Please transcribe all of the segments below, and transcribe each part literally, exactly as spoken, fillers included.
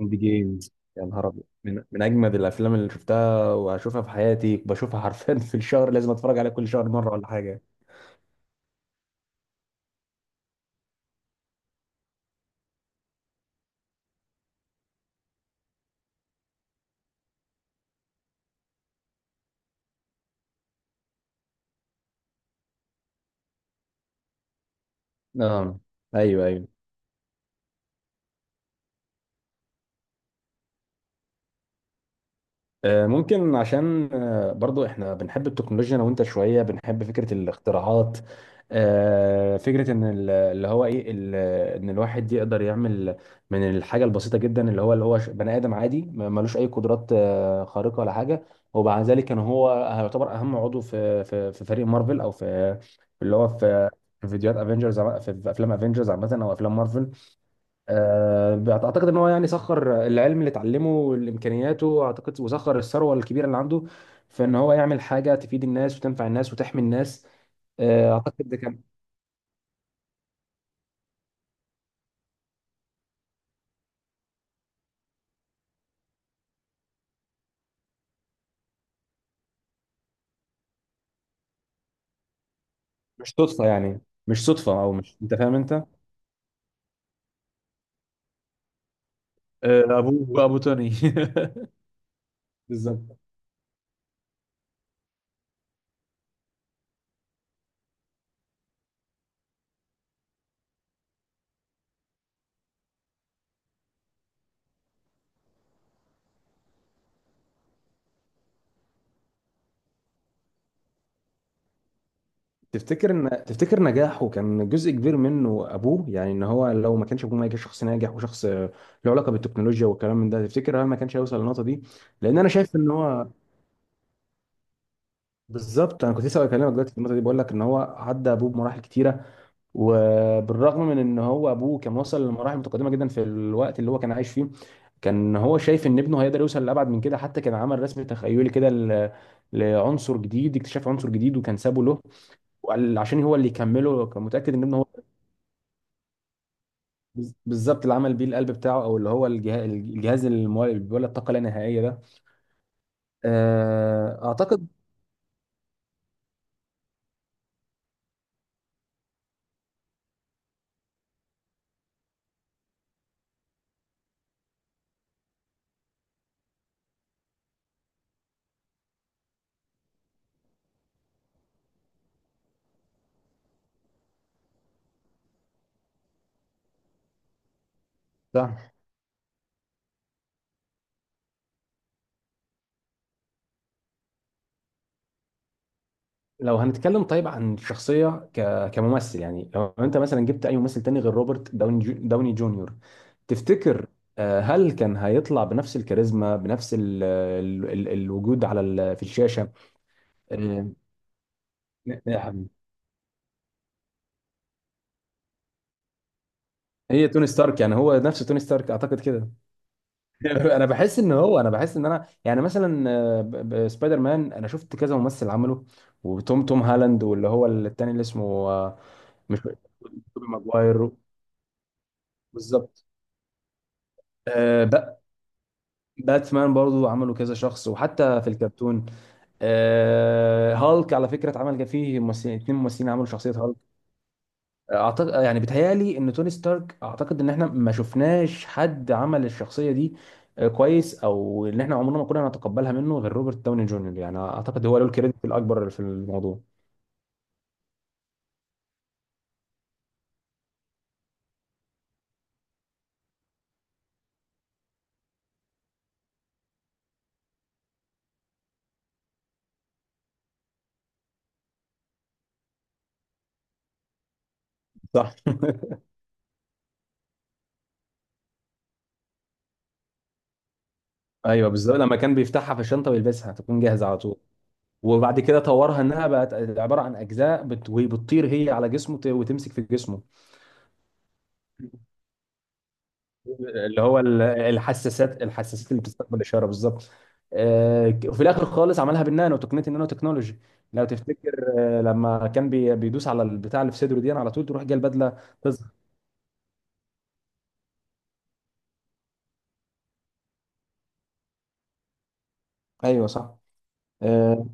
اند جيمز. يا نهار ابيض، من من اجمد الافلام اللي شفتها وهشوفها في حياتي. بشوفها حرفيا في الشهر. لازم اتفرج عليها كل شهر مره ولا حاجه. اه. ايوه، ايوه. آه، ممكن عشان آه، برضو احنا بنحب التكنولوجيا انا وانت، شويه بنحب فكره الاختراعات. آه، فكره ان ال- اللي هو ايه ال- ان الواحد يقدر يعمل من الحاجه البسيطه جدا اللي هو، اللي هو ش- بني ادم عادي، ما- ملوش اي قدرات آه، خارقه ولا حاجه. ومع ذلك كان هو يعتبر اهم عضو في في في فريق مارفل، او في في اللي هو في في فيديوهات افنجرز، في في افلام افنجرز عامه او افلام مارفل. آه، اعتقد ان هو يعني سخر العلم اللي اتعلمه والامكانياته، اعتقد، وسخر الثروه الكبيره اللي عنده في ان هو يعمل حاجه تفيد الناس وتنفع الناس وتحمي الناس. آه، اعتقد ده كان مش صدفه، يعني مش صدفه، او مش... انت فاهم انت. آه، ابوه، ابو توني. بالظبط. تفتكر ان تفتكر نجاحه كان جزء كبير منه ابوه؟ يعني ان هو لو ما كانش ابوه ما كانش شخص ناجح وشخص آه، له علاقه بالتكنولوجيا والكلام من ده، تفتكر هل ما كانش هيوصل للنقطه دي؟ لان انا شايف ان هو... بالظبط، انا كنت لسه بكلمك دلوقتي في النقطه دي، بقول لك ان هو عدى ابوه بمراحل كتيره. وبالرغم من ان هو ابوه كان وصل لمراحل متقدمه جدا في الوقت اللي هو كان عايش فيه، كان هو شايف ان ابنه هيقدر يوصل لابعد من كده. حتى كان عمل رسم تخيلي كده ل- لعنصر جديد، اكتشاف عنصر جديد، وكان سابه له وقال عشان هو اللي يكمله. كان متاكد ان ابنه هو. بز- بالظبط، اللي عمل بيه القلب بتاعه، او اللي هو الجهاز، الجهاز المولد- اللي بيولد طاقه لا نهائيه ده. آه، اعتقد. صح. لو هنتكلم طيب عن الشخصية ك... كممثل، يعني لو انت مثلا جبت اي ممثل تاني غير روبرت داوني جو... داوني جونيور، تفتكر آه، هل كان هيطلع بنفس الكاريزما، بنفس ال... ال... ال... الوجود على ال... في الشاشة؟ آه، نعم. هي توني ستارك، يعني هو نفس توني ستارك اعتقد كده. انا بحس ان هو انا بحس ان انا، يعني مثلا، آه، ب- ب- سبايدر مان انا شفت كذا ممثل عمله. وتوم توم هالاند، واللي هو التاني اللي اسمه... آه، مش... توبي ماجواير، بالظبط. باتمان برضو عملوا كذا شخص، وحتى في الكرتون. آه هالك على فكرة اتعمل، كان فيه ممثلين اتنين، ممثلين عملوا شخصية هالك. اعتقد، يعني بتهيالي ان توني ستارك، اعتقد ان احنا ما شفناش حد عمل الشخصية دي آه، كويس، او ان احنا عمرنا ما كنا نتقبلها منه غير روبرت داوني جونيور. يعني اعتقد هو له الكريدت الاكبر في الموضوع. صح. ايوه بالظبط، لما كان بيفتحها في الشنطه ويلبسها تكون جاهزه على طول. وبعد كده طورها انها بقت عباره عن اجزاء بت- وبتطير هي على جسمه وت- وتمسك في جسمه. اللي هو ال- الحساسات الحساسات اللي بتستقبل الاشاره، بالظبط. آه، وفي الاخر خالص عملها بالنانو، تقنيه النانو تكنولوجي. لو تفتكر، آه، لما كان بي- بيدوس على البتاع اللي في صدره دي، على طول تروح جايه البدله تظهر. ايوه صح. آه،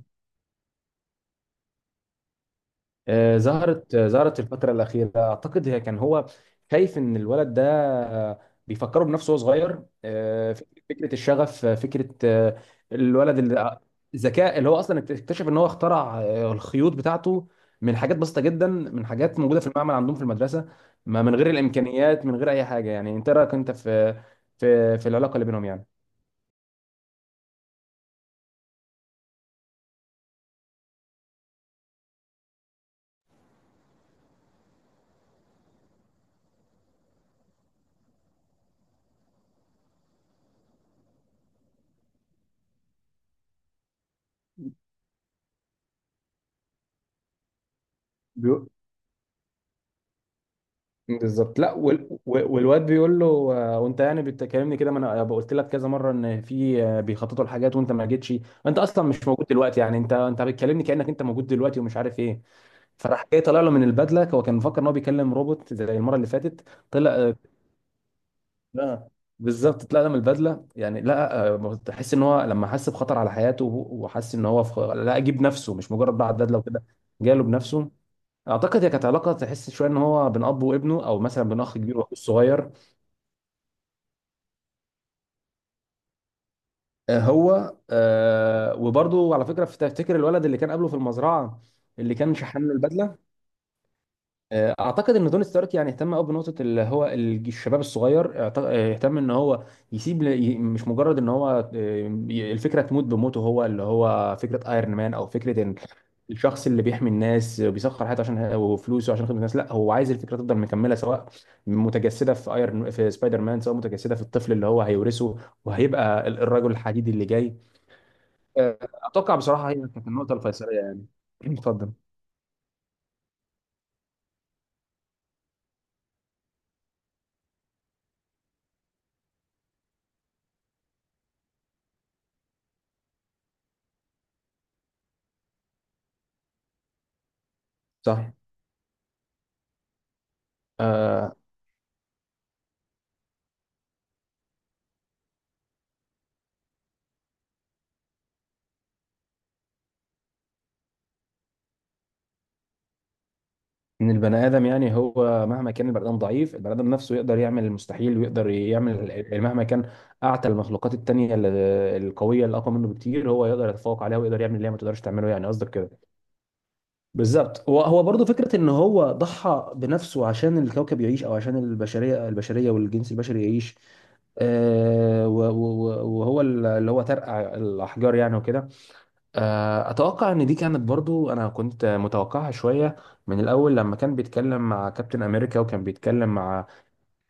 آه، ظهرت آه، ظهرت الفترة الأخيرة. أعتقد هي كان هو خايف إن الولد ده آه، بيفكره بنفسه وهو صغير، آه، فك- فكرة الشغف، آه، فكرة آه، الولد اللي، آه، الذكاء، اللي هو أصلا اكتشف إن هو اخترع آه، الخيوط بتاعته من حاجات بسيطة جدا، من حاجات موجودة في المعمل عندهم في المدرسة، ما من غير الإمكانيات، من غير أي حاجة. يعني أنت رأيك أنت في في في العلاقة اللي بينهم يعني؟ بالظبط. لا، وال... و- والواد بيقول له، آه، وانت يعني بتكلمني كده؟ ما انا قلت لك كذا مره ان في آه، بيخططوا الحاجات وانت ما جيتش. انت اصلا مش موجود دلوقتي، يعني انت انت بتكلمني كانك انت موجود دلوقتي ومش عارف ايه. فراح جاي طالع له من البدله. هو كان مفكر ان هو بيكلم روبوت زي المره اللي فاتت. طلع آه، لا، بالظبط، طلع له من البدله. يعني لا، آه، تحس ان هو لما حس بخطر على حياته وحس ان هو في... خ- لا، جيب نفسه مش مجرد بعد بدله وكده. جاله بنفسه. اعتقد هي كانت علاقه تحس شويه ان هو بين اب وابنه، او مثلا بين اخ كبير واخو صغير. آه، هو، آه، وبرضه على فكره، في- تفتكر الولد اللي كان قبله في المزرعه، اللي كان شحن له البدله، آه، اعتقد ان توني ستارك يعني اهتم قوي بنقطه اللي هو الج- الشباب الصغير، اعت- آه، اهتم ان هو يسيب ل- ي- مش مجرد ان هو، آه، ي- الفكره تموت بموته هو، اللي هو فكره ايرون مان، او فكره الشخص اللي بيحمي الناس وبيسخر حياته عشان وفلوسه عشان خدمه الناس. لا، هو عايز الفكره تفضل مكمله، سواء متجسده في ايرون، في سبايدر مان، سواء متجسده في الطفل اللي هو هيورثه وهيبقى ال- الرجل الحديدي اللي جاي. آه، اتوقع بصراحه هي كانت النقطه الفيصليه يعني. اتفضل. صح. آه، ان البني ادم، يعني هو مهما كان البني ادم ضعيف، البني ادم نفسه يقدر يعمل المستحيل، ويقدر يعمل ال- مهما كان اعتى المخلوقات التانيه ال- القويه اللي اقوى منه بكتير، هو يقدر يتفوق عليها ويقدر يعمل اللي هي ما تقدرش تعمله. يعني قصدك كده؟ بالظبط. هو هو برضه فكره ان هو ضحى بنفسه عشان الكوكب يعيش، او عشان البشريه، البشريه والجنس البشري يعيش. آه و- و- و- وهو ال- اللي هو ترقع الاحجار يعني وكده. آه اتوقع ان دي كانت برضه، انا كنت متوقعها شويه من الاول، لما كان بيتكلم مع كابتن امريكا وكان بيتكلم مع...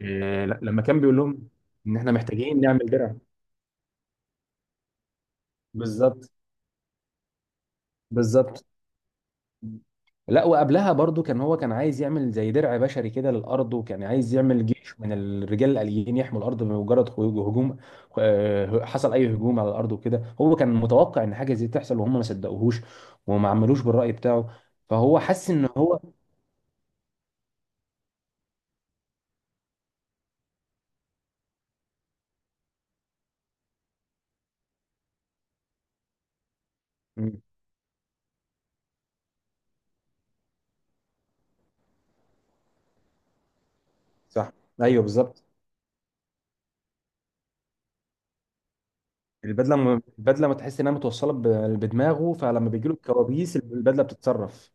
آه لا، لما كان بيقول لهم ان احنا محتاجين نعمل درع، بالظبط، بالظبط. لا، وقبلها برضو كان هو كان عايز يعمل زي درع بشري كده للارض، وكان عايز يعمل جيش من الرجال الاليين يحموا الارض بمجرد خو- هجوم، آه، حصل اي هجوم على الارض وكده. هو كان متوقع ان حاجه زي تحصل وهم ما صدقوهوش، وما عملوش بالراي بتاعه. فهو حس ان هو... مم، صح. ايوه بالظبط. البدله م- البدله، ما تحس انها متوصله ب- بدماغه، فلما بيجيله الكوابيس البدله بتتصرف.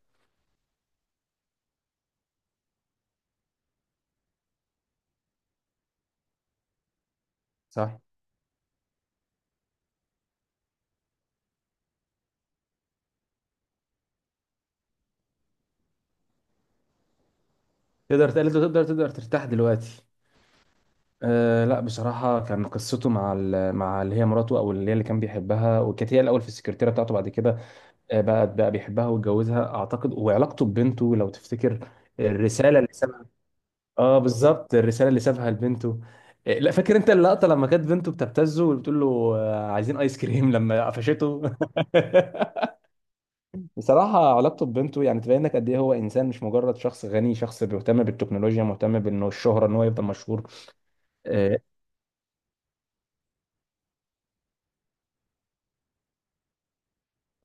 صح. تقدر تقدر تقدر تقدر ترتاح دلوقتي. أه لا بصراحة، كان قصته مع ال- مع اللي هي مراته، أو اللي هي اللي كان بيحبها وكانت هي الأول في السكرتيرة بتاعته. بعد كده آه، بقى بقى بيحبها واتجوزها أعتقد. وعلاقته ببنته، لو تفتكر الرسالة اللي سابها. اه بالظبط، الرسالة اللي سابها لبنته. آه، لا فاكر أنت اللقطة لما كانت بنته بتبتزه وبتقول له آه، عايزين آيس كريم لما قفشته. بصراحة علاقته ببنته يعني تبين لك قد إيه هو إنسان، مش مجرد شخص غني، شخص بيهتم بالتكنولوجيا، مهتم بإنه الشهرة إن هو يفضل مشهور. اه.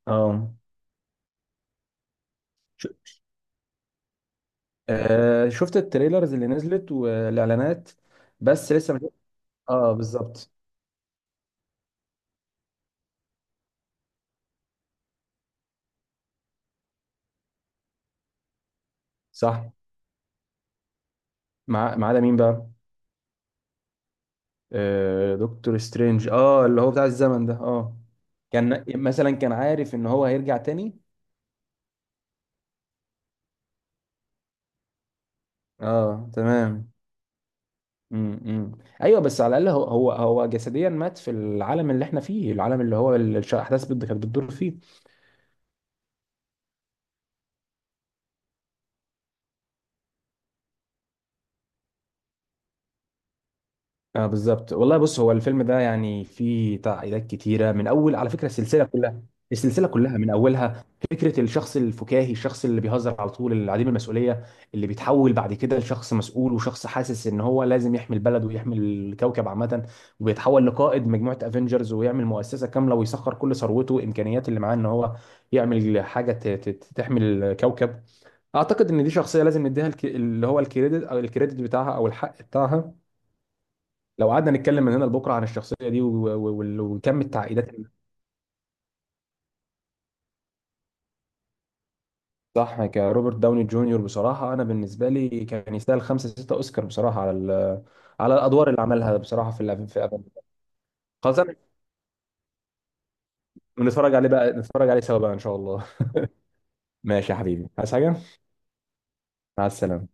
آه. آه شفت التريلرز اللي نزلت والاعلانات، بس لسه ما شفت-. اه بالظبط. صح. مع، ما عدا مين بقى؟ آه دكتور سترينج. اه، اللي هو بتاع الزمن ده، اه. كان مثلا كان عارف ان هو هيرجع تاني. اه تمام. امم. ايوه، بس على الاقل هو هو هو جسديا مات في العالم اللي احنا فيه، العالم اللي هو ال- الش- الاحداث بت- كانت بتدور فيه. اه بالظبط والله. بص هو الفيلم ده يعني فيه تعقيدات كتيره من اول، على فكره السلسله كلها، السلسله كلها من اولها. فكره الشخص الفكاهي، الشخص اللي بيهزر على طول، اللي عديم المسؤوليه، اللي بيتحول بعد كده لشخص مسؤول وشخص حاسس ان هو لازم يحمي البلد ويحمي الكوكب عامه، وبيتحول لقائد مجموعه افنجرز ويعمل مؤسسه كامله ويسخر كل ثروته وامكانياته اللي معاه ان هو يعمل حاجه ت- ت- تحمي الكوكب. اعتقد ان دي شخصيه لازم نديها الك- اللي هو الكريدت، او الكريدت بتاعها، او الحق بتاعها. لو قعدنا نتكلم من هنا لبكره عن الشخصيه دي و- و- وال- وكم التعقيدات اللي... صح. كروبرت داوني جونيور بصراحه انا بالنسبه لي كان يستاهل خمسه سته اوسكار، بصراحه على ال- على الادوار اللي عملها بصراحه في الأف- في افنجرز. خلاص أنا- نتفرج عليه بقى، نتفرج عليه سوا بقى ان شاء الله. ماشي يا حبيبي، عايز حاجه؟ مع السلامه.